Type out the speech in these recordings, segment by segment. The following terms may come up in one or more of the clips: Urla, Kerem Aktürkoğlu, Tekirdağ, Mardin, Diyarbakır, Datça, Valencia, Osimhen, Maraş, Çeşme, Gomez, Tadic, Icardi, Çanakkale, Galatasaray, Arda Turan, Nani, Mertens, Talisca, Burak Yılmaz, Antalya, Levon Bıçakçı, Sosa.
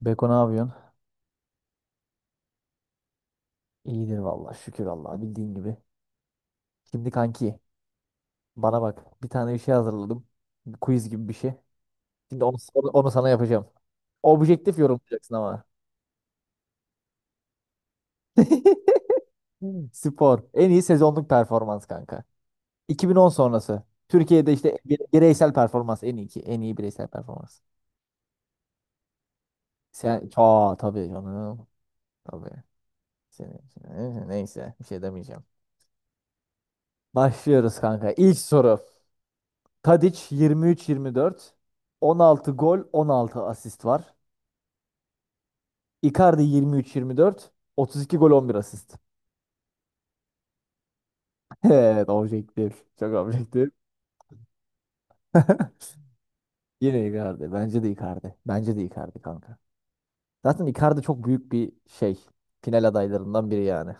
Beko ne yapıyorsun? İyidir vallahi şükür Allah'a bildiğin gibi. Şimdi kanki bana bak bir tane bir şey hazırladım. Bir quiz gibi bir şey. Şimdi onu sana yapacağım. Objektif yorumlayacaksın ama. Spor. En iyi sezonluk performans kanka. 2010 sonrası. Türkiye'de işte bireysel performans en iyi ki. En iyi bireysel performans. Sen tabii canım. Tabii. Senin, neyse bir şey demeyeceğim. Başlıyoruz kanka. İlk soru. Tadic 23-24. 16 gol, 16 asist var. Icardi 23-24. 32 gol, 11 asist. Evet, objektif. Çok objektif. Yine Icardi. Bence de Icardi. Bence de Icardi kanka. Zaten Icardi çok büyük bir şey. Final adaylarından biri yani.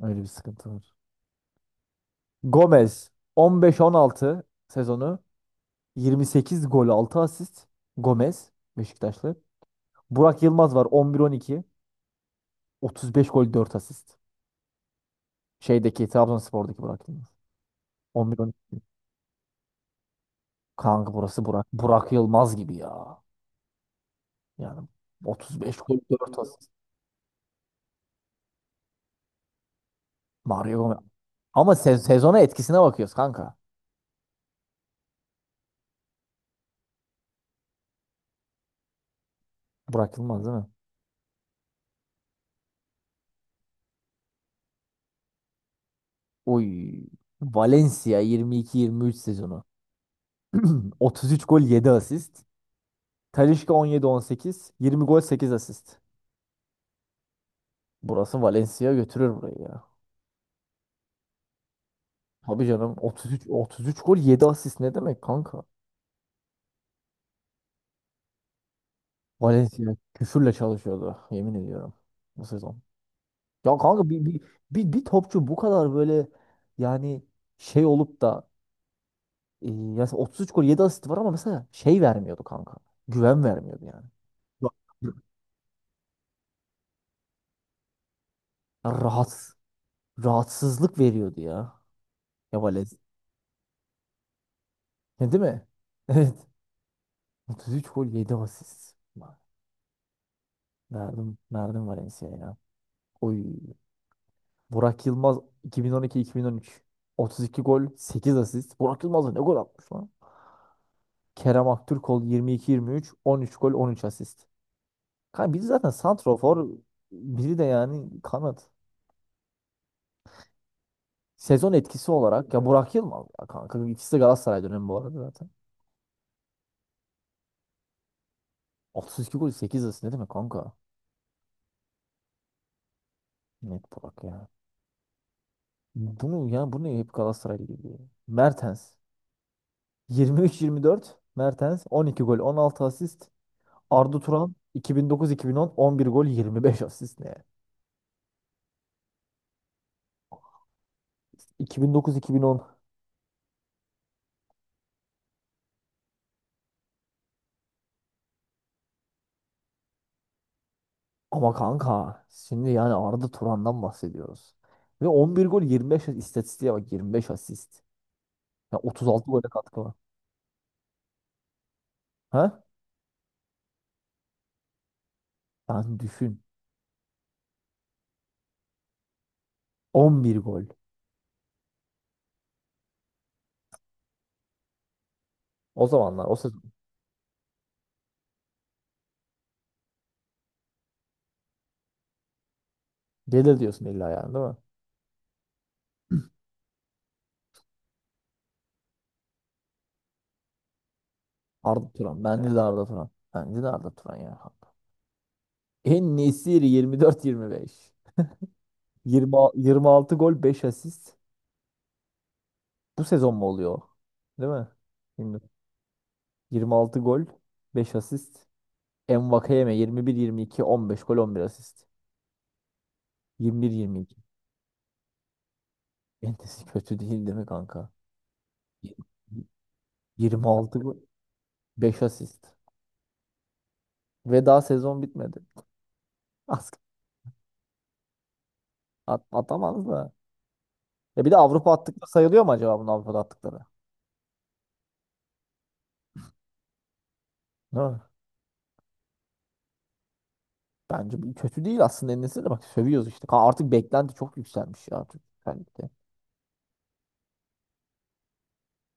Öyle bir sıkıntı var. Gomez 15-16 sezonu. 28 gol, 6 asist. Gomez Beşiktaşlı. Burak Yılmaz var 11-12. 35 gol, 4 asist. Şeydeki Trabzonspor'daki Burak Yılmaz. 11-12 kanka burası Burak. Burak Yılmaz gibi ya. Yani 35 gol 4 asist. Mario Gomez. Ama sezona etkisine bakıyoruz kanka. Burak Yılmaz değil mi? Oy. Valencia 22-23 sezonu. 33 gol 7 asist. Talisca 17-18. 20 gol 8 asist. Burası Valencia götürür burayı ya. Tabii canım 33 gol 7 asist ne demek kanka? Valencia küfürle çalışıyordu yemin ediyorum bu sezon. Ya kanka bir topçu bu kadar böyle yani şey olup da yani 33 gol 7 asist var ama mesela şey vermiyordu kanka. Güven vermiyordu yani. Ya Rahat, rahatsızlık veriyordu ya. Ya Valez. Ne değil mi? Evet. 33 gol 7 asist. Vay. Verdim Valencia'ya ya. Oy. Burak Yılmaz 2012-2013. 32 gol 8 asist. Burak Yılmaz da ne gol atmış lan? Kerem Aktürkoğlu 22-23. 13 gol 13 asist. Kanka biri zaten santrofor, biri de yani kanat. Sezon etkisi olarak ya Burak Yılmaz ya kanka. İkisi de Galatasaray dönemi bu arada zaten. Otuz iki gol 8 asist ne demek kanka? Net Burak ya. Bunu yani bunu hep Galatasaray'la geliyor. Mertens yirmi üç yirmi dört Mertens 12 gol 16 asist. Arda Turan iki bin dokuz-iki bin dokuz on bir gol 25 asist ne? İki iki bin dokuz bin on ama kanka şimdi yani Arda Turan'dan bahsediyoruz. Ve 11 gol 25 asist istatistiğe bak 25 asist. Ya 36 gole katkı var. Ha? Ben düşün. 11 gol. O zamanlar o sezon. Gelir diyorsun illa yani değil mi? Arda Turan. Bence de Arda Turan. Bence de Arda Turan ya. En Nesiri 24-25. 20, 26 gol 5 asist. Bu sezon mu oluyor o? Değil mi? Bilmiyorum. 26 gol 5 asist. Envakayeme 21-22 15 gol 11 asist. 21-22. Entesi kötü değil değil mi kanka? 26 gol 5 asist. Ve daha sezon bitmedi. As- atamaz da. Ya bir de Avrupa attıkları sayılıyor mu acaba bunun Avrupa'da attıkları? Ne? Bence kötü değil aslında en de bak sövüyoruz işte. Artık beklenti çok yükselmiş ya artık. Özellikle.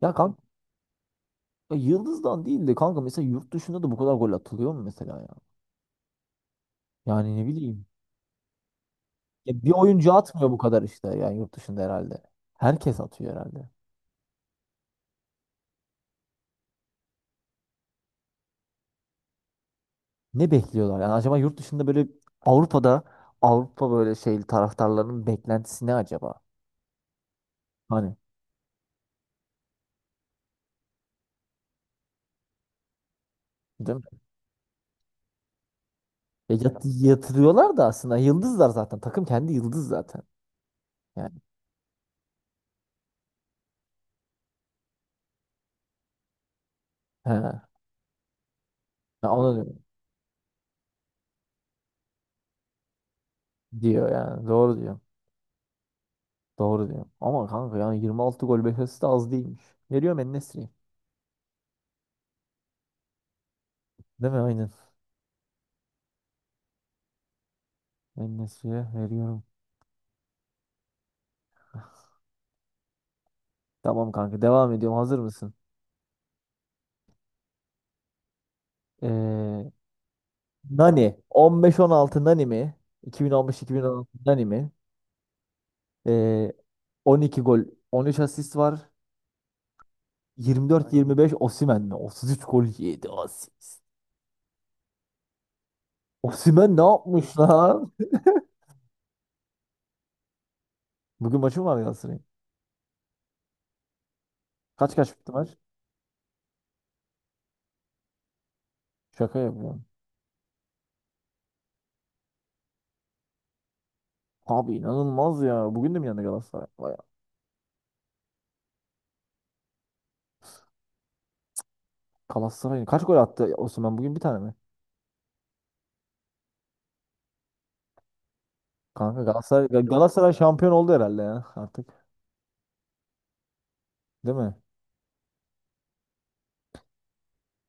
Ya kanka Yıldız'dan değil de kanka mesela yurt dışında da bu kadar gol atılıyor mu mesela ya? Yani ne bileyim. Ya bir oyuncu atmıyor bu kadar işte yani yurt dışında herhalde. Herkes atıyor herhalde. Ne bekliyorlar yani acaba yurt dışında böyle Avrupa'da Avrupa böyle şey taraftarlarının beklentisi ne acaba? Hani değil mi? Ya yatırıyorlar da aslında yıldızlar zaten. Takım kendi yıldız zaten. Yani he. Ben onu diyorum. Diyor yani. Doğru diyor. Doğru diyor. Ama kanka yani 26 gol beklentisi de az değilmiş. Veriyorum en. Değil mi? Aynen. En veriyorum. Tamam kanka devam ediyorum. Hazır mısın? Ee, Nani. 15-16 Nani mi? 2015-2016 Nani mi? Ee, 12 gol 13 asist var. 24-25 Osimhen mi? 33 gol 7 asist. Osimhen ne yapmış lan? Bugün maçı mı var Galatasaray'ın? Kaç kaç bitti maç? Şaka yapıyorum. Abi inanılmaz ya. Bugün de mi yendi Galatasaray? Vay, Galatasaray kaç gol attı Osman bugün bir tane mi? Kanka Galatasaray şampiyon oldu herhalde ya artık. Değil mi?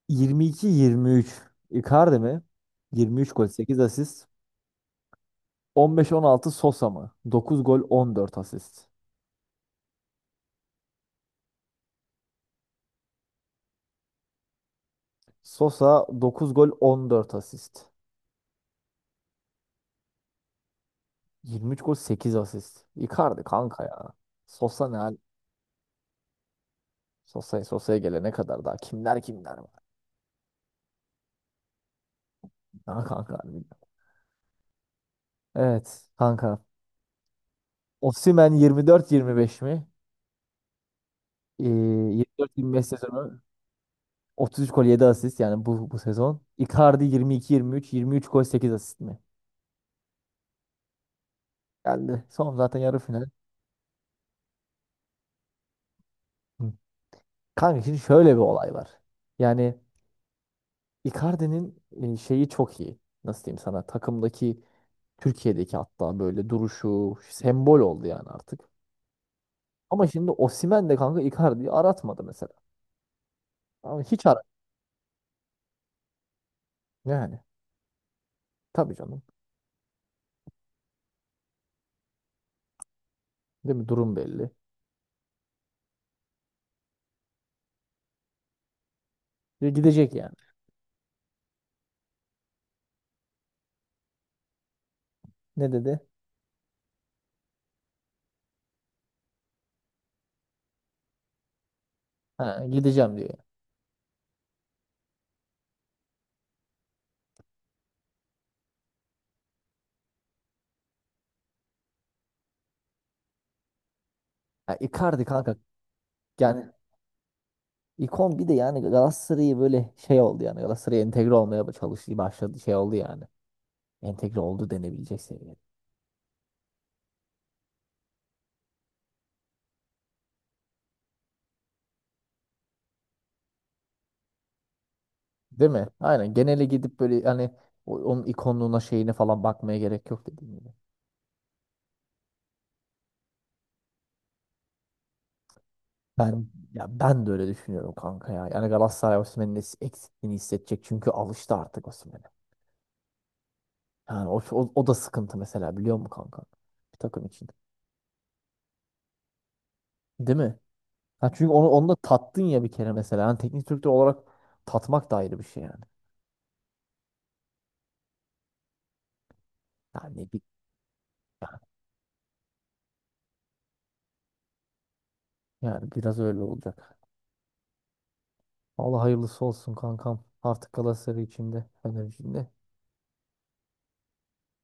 22-23. Icardi mi? Yirmi üç gol 8 asist. On beş on altı Sosa mı? 9 gol 14 asist. Sosa 9 gol 14 asist. 23 gol 8 asist. Icardi kanka ya. Sosa ne hal? Sosa'ya gelene kadar daha kimler kimler var. Ha kanka harbiden. Evet kanka. Osimhen 24-25 mi? Ee, 24-25 sezonu 33 gol 7 asist yani bu sezon. Icardi 22-23 23 gol 8 asist mi? Geldi. Son zaten yarı final. Hı. Kanka şimdi şöyle bir olay var. Yani Icardi'nin şeyi çok iyi. Nasıl diyeyim sana? Takımdaki Türkiye'deki hatta böyle duruşu sembol oldu yani artık. Ama şimdi Osimhen de kanka Icardi'yi aratmadı mesela. Ama hiç arat yani. Tabii canım. Değil mi? Durum belli. Diyor, gidecek yani. Ne dedi? Ha, gideceğim diyor. Ya Icardi kanka yani ikon bir de yani Galatasaray'ı böyle şey oldu yani Galatasaray'a entegre olmaya çalıştığı başladı şey oldu yani. Entegre oldu denebilecek seviyede. Değil mi? Aynen genele gidip böyle hani onun ikonluğuna şeyine falan bakmaya gerek yok dediğim gibi. Ben ya ben de öyle düşünüyorum kanka ya. Yani Galatasaray Osimhen'in eksikliğini hissedecek çünkü alıştı artık Osimhen'e. Yani o da sıkıntı mesela biliyor musun kanka? Bir takım için. Değil mi? Ha çünkü onu da tattın ya bir kere mesela. Yani teknik direktör olarak tatmak da ayrı bir şey yani. Yani bir, yani biraz öyle olacak. Allah hayırlısı olsun kankam. Artık Galatasaray içinde, Fener içinde.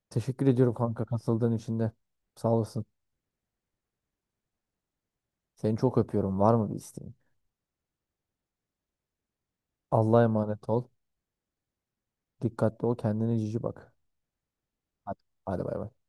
Teşekkür ediyorum kanka katıldığın için de. Sağ olasın. Seni çok öpüyorum. Var mı bir isteğin? Allah'a emanet ol. Dikkatli ol. Kendine cici bak. Hadi, hadi bay bay.